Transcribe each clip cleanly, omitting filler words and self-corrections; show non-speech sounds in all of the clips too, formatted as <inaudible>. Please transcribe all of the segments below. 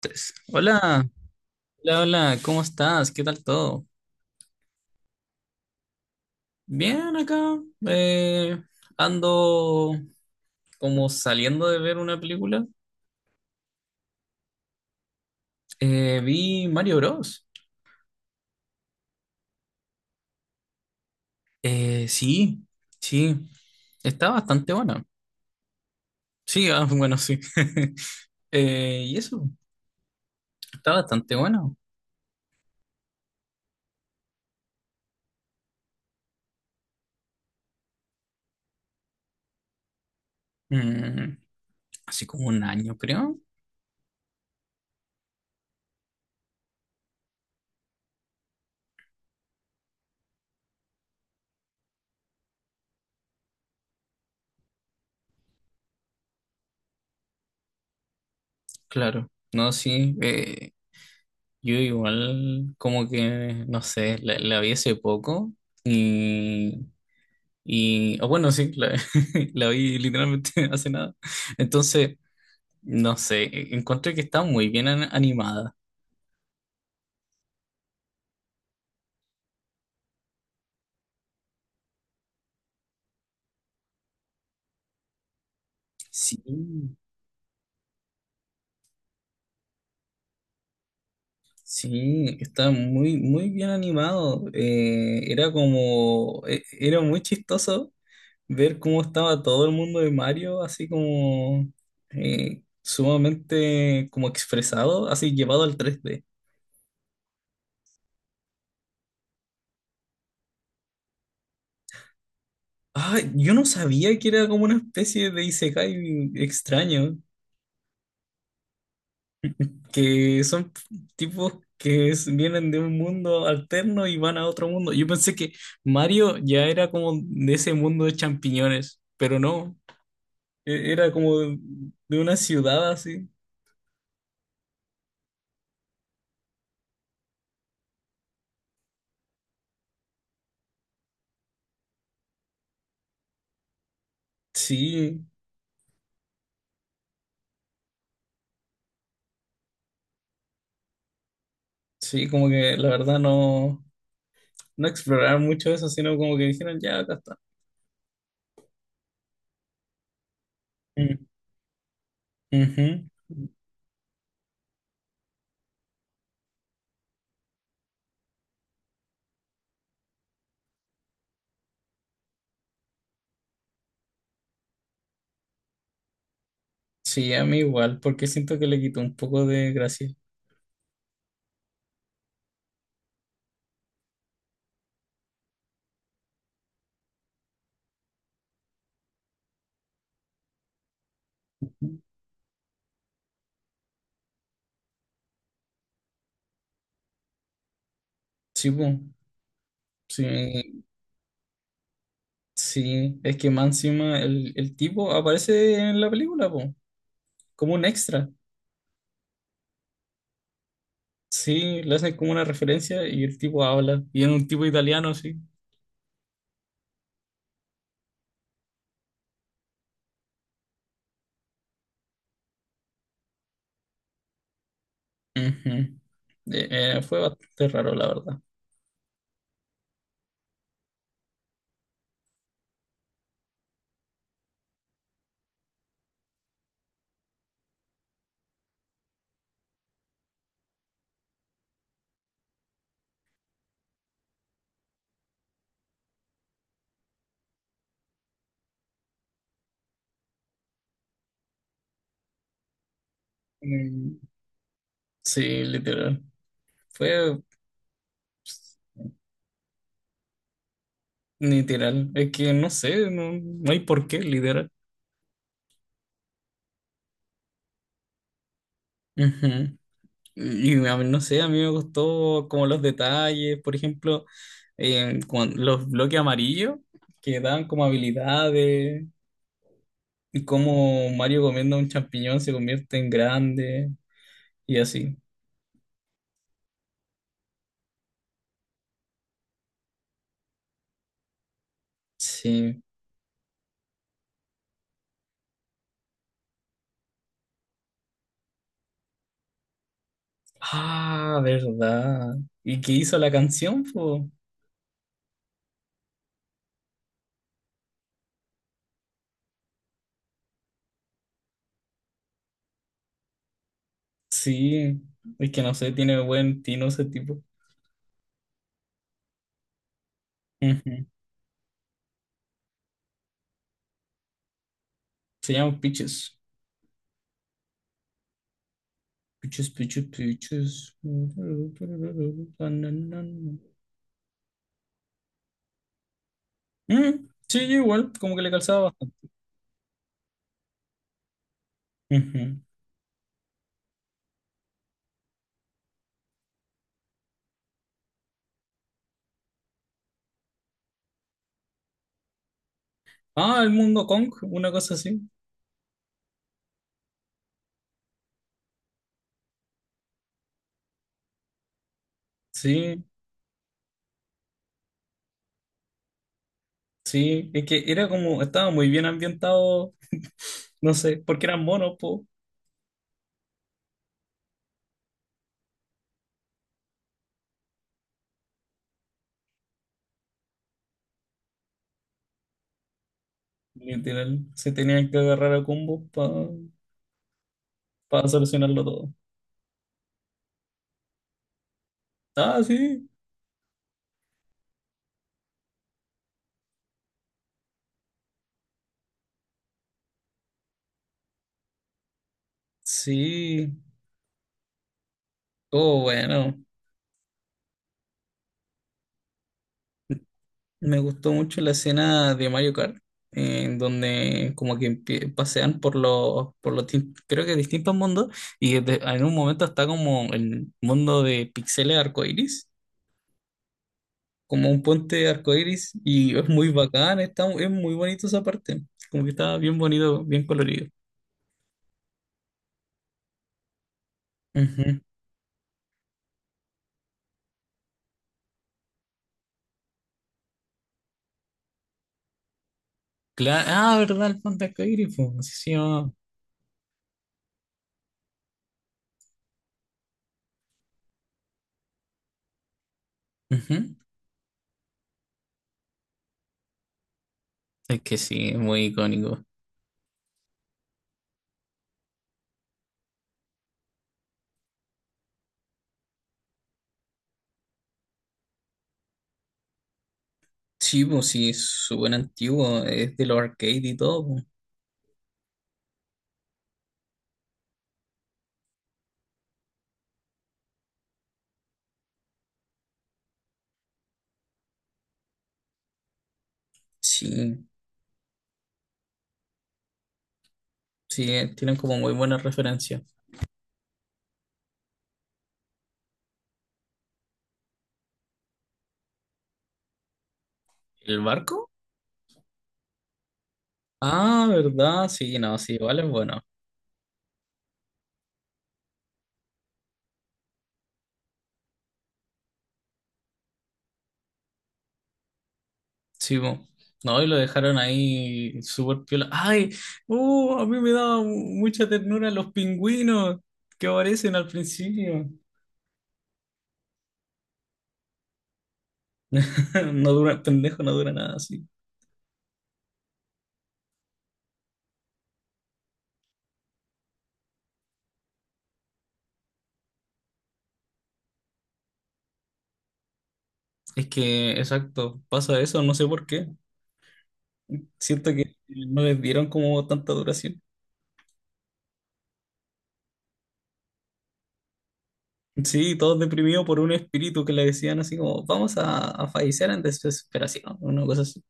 Tres. Hola, hola, hola, ¿cómo estás? ¿Qué tal todo? Bien acá. eh, Ando como saliendo de ver una película. Vi Mario Bros. Sí, sí, está bastante buena. Sí, ah, bueno, sí. <laughs> Y eso, está bastante bueno. Mm, así como un año, creo. Claro, no, sí. Yo igual, como que, no sé, la vi hace poco. Y o bueno, sí, la, <laughs> la vi literalmente <laughs> hace nada. Entonces, no sé, encontré que está muy bien animada. Sí, sí, está muy, muy bien animado. Era como, era muy chistoso ver cómo estaba todo el mundo de Mario, así como sumamente como expresado, así llevado al 3D. Ah, yo no sabía que era como una especie de isekai extraño. Que son tipos que vienen de un mundo alterno y van a otro mundo. Yo pensé que Mario ya era como de ese mundo de champiñones, pero no, era como de una ciudad así. Sí, sí, como que la verdad no, no exploraron mucho eso, sino como que dijeron, ya, acá está. Mm, ujú. Sí, a mí igual, porque siento que le quitó un poco de gracia. Sí, po. Sí, sí, es que más encima el tipo aparece en la película, po. Como un extra. Sí, le hacen como una referencia y el tipo habla. Y es un tipo italiano, sí. Ujú. Eh, eh, fue bastante raro, la verdad. Mm, sí, literal. Fue literal. Es que no sé, no, no hay por qué, literal. Ujú. Y a mí, no sé, a mí me gustó como los detalles, por ejemplo, los bloques amarillos que dan como habilidades y cómo Mario comiendo un champiñón se convierte en grande y así. Sí. Ah, verdad. ¿Y qué hizo la canción, po? Sí. Es que no sé, tiene buen tino ese tipo. Ujú. Se llama Peaches. Peaches, Peaches, Peaches. Mm, sí, igual, como que le calzaba bastante. Ujú. Ah, el mundo Kong, una cosa así. Sí, sí. Es que era como, estaba muy bien ambientado. <laughs> No sé, porque eran monos, po. Literal, se tenían que agarrar a combos para solucionarlo todo. Ah, sí, sí, oh bueno. Me gustó mucho la escena de Mario Kart, en donde como que pasean por los, creo que distintos mundos, y en un momento está como el mundo de pixeles arcoíris, como un puente arcoíris, y es muy bacán, está, es muy bonito esa parte, como que está bien bonito, bien colorido. Ujú. Claro, ah, verdad, el puente arcoíris, pues, así se llamaba. Ujú. Es que sí, es muy icónico. Sí, pues sí, es súper antiguo, es de los arcade y todo. Pues. Sí, sí, tienen como muy buenas referencias. ¿El barco? Ah, ¿verdad? Sí, no, sí, igual es bueno. Sí, pues. No, y lo dejaron ahí súper piola. ¡Ay! ¡Uh! A mí me daba mucha ternura los pingüinos que aparecen al principio. <laughs> No dura, pendejo, no dura nada, sí. Es que, exacto, pasa eso, no sé por qué. Siento que no les dieron como tanta duración. Sí, todos deprimidos por un espíritu que le decían así como, vamos a fallecer en desesperación, una cosa así.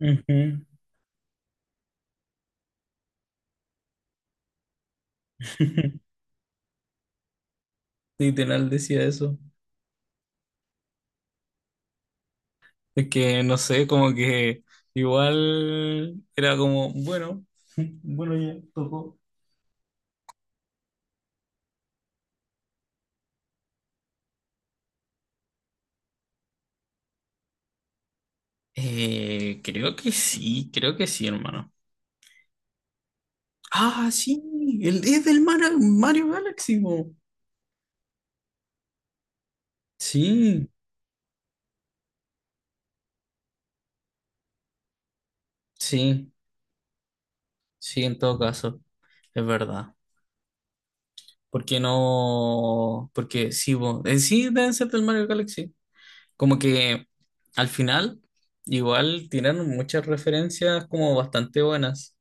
Ujú. <laughs> Literal decía eso. Es que no sé, como que igual era como, bueno, <laughs> bueno, ya tocó. Creo que sí, creo que sí, hermano. Ah, sí, el, es del Mario Galaxy, po. Sí, sí, sí, en todo caso, es verdad. Porque no. Porque sí, sí deben ser del Mario Galaxy. Como que al final, igual tiraron muchas referencias como bastante buenas.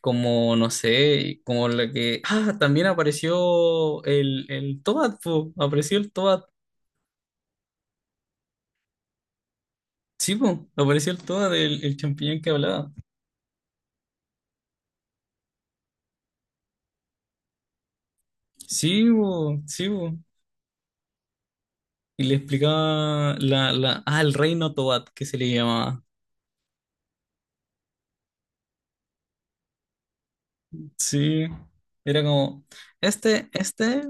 Como, no sé, como la que. Ah, también apareció el Toad, po. Apareció el Toad. Sí, po. Apareció el Toad, el champiñón que hablaba. Sí, po. Sí, po. Y le explicaba la, la. Ah, el reino Toad, que se le llamaba. Sí, era como, este,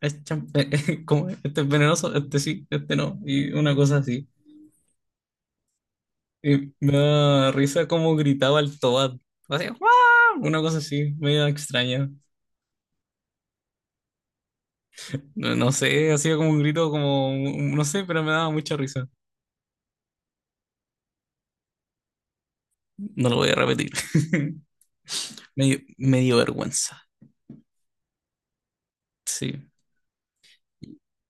<laughs> como, este es venenoso, este sí, este no, y una cosa así. Y me da risa como gritaba el Tobad, así, ¡guau! Una cosa así, medio extraña. No, no sé, hacía como un grito como, no sé, pero me daba mucha risa. No lo voy a repetir. <laughs> Me, me dio vergüenza, sí.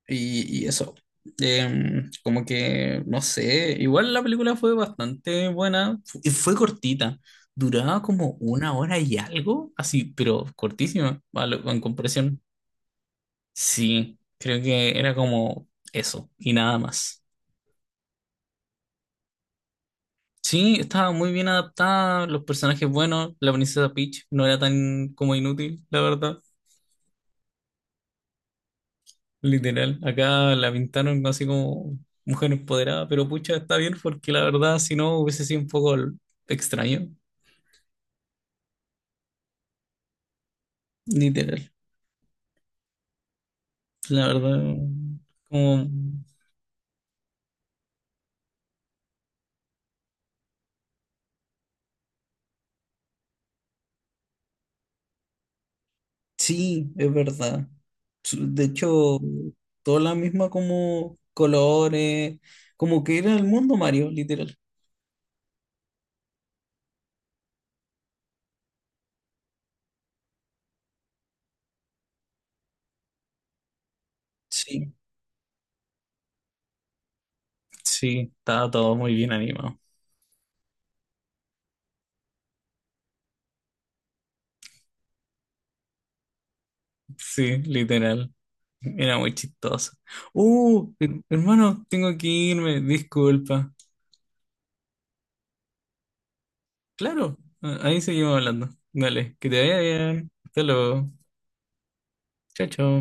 Y eso. Como que, no sé, igual la película fue bastante buena. Fue cortita. Duraba como una hora y algo, así, pero cortísima, en comparación. Sí, creo que era como eso y nada más. Sí, estaba muy bien adaptada, los personajes buenos, la princesa Peach no era tan como inútil, la verdad. Literal, acá la pintaron así como mujer empoderada, pero pucha, está bien porque la verdad, si no, hubiese sido un poco extraño. Literal, la verdad, como, sí, es verdad. De hecho, toda la misma como colores, como que era el mundo Mario, literal. Sí, sí, estaba todo muy bien animado. Sí, literal, era muy chistoso. Hermano, tengo que irme, disculpa. Claro, ahí seguimos hablando. Dale, que te vaya bien. Hasta luego. Chao, chao.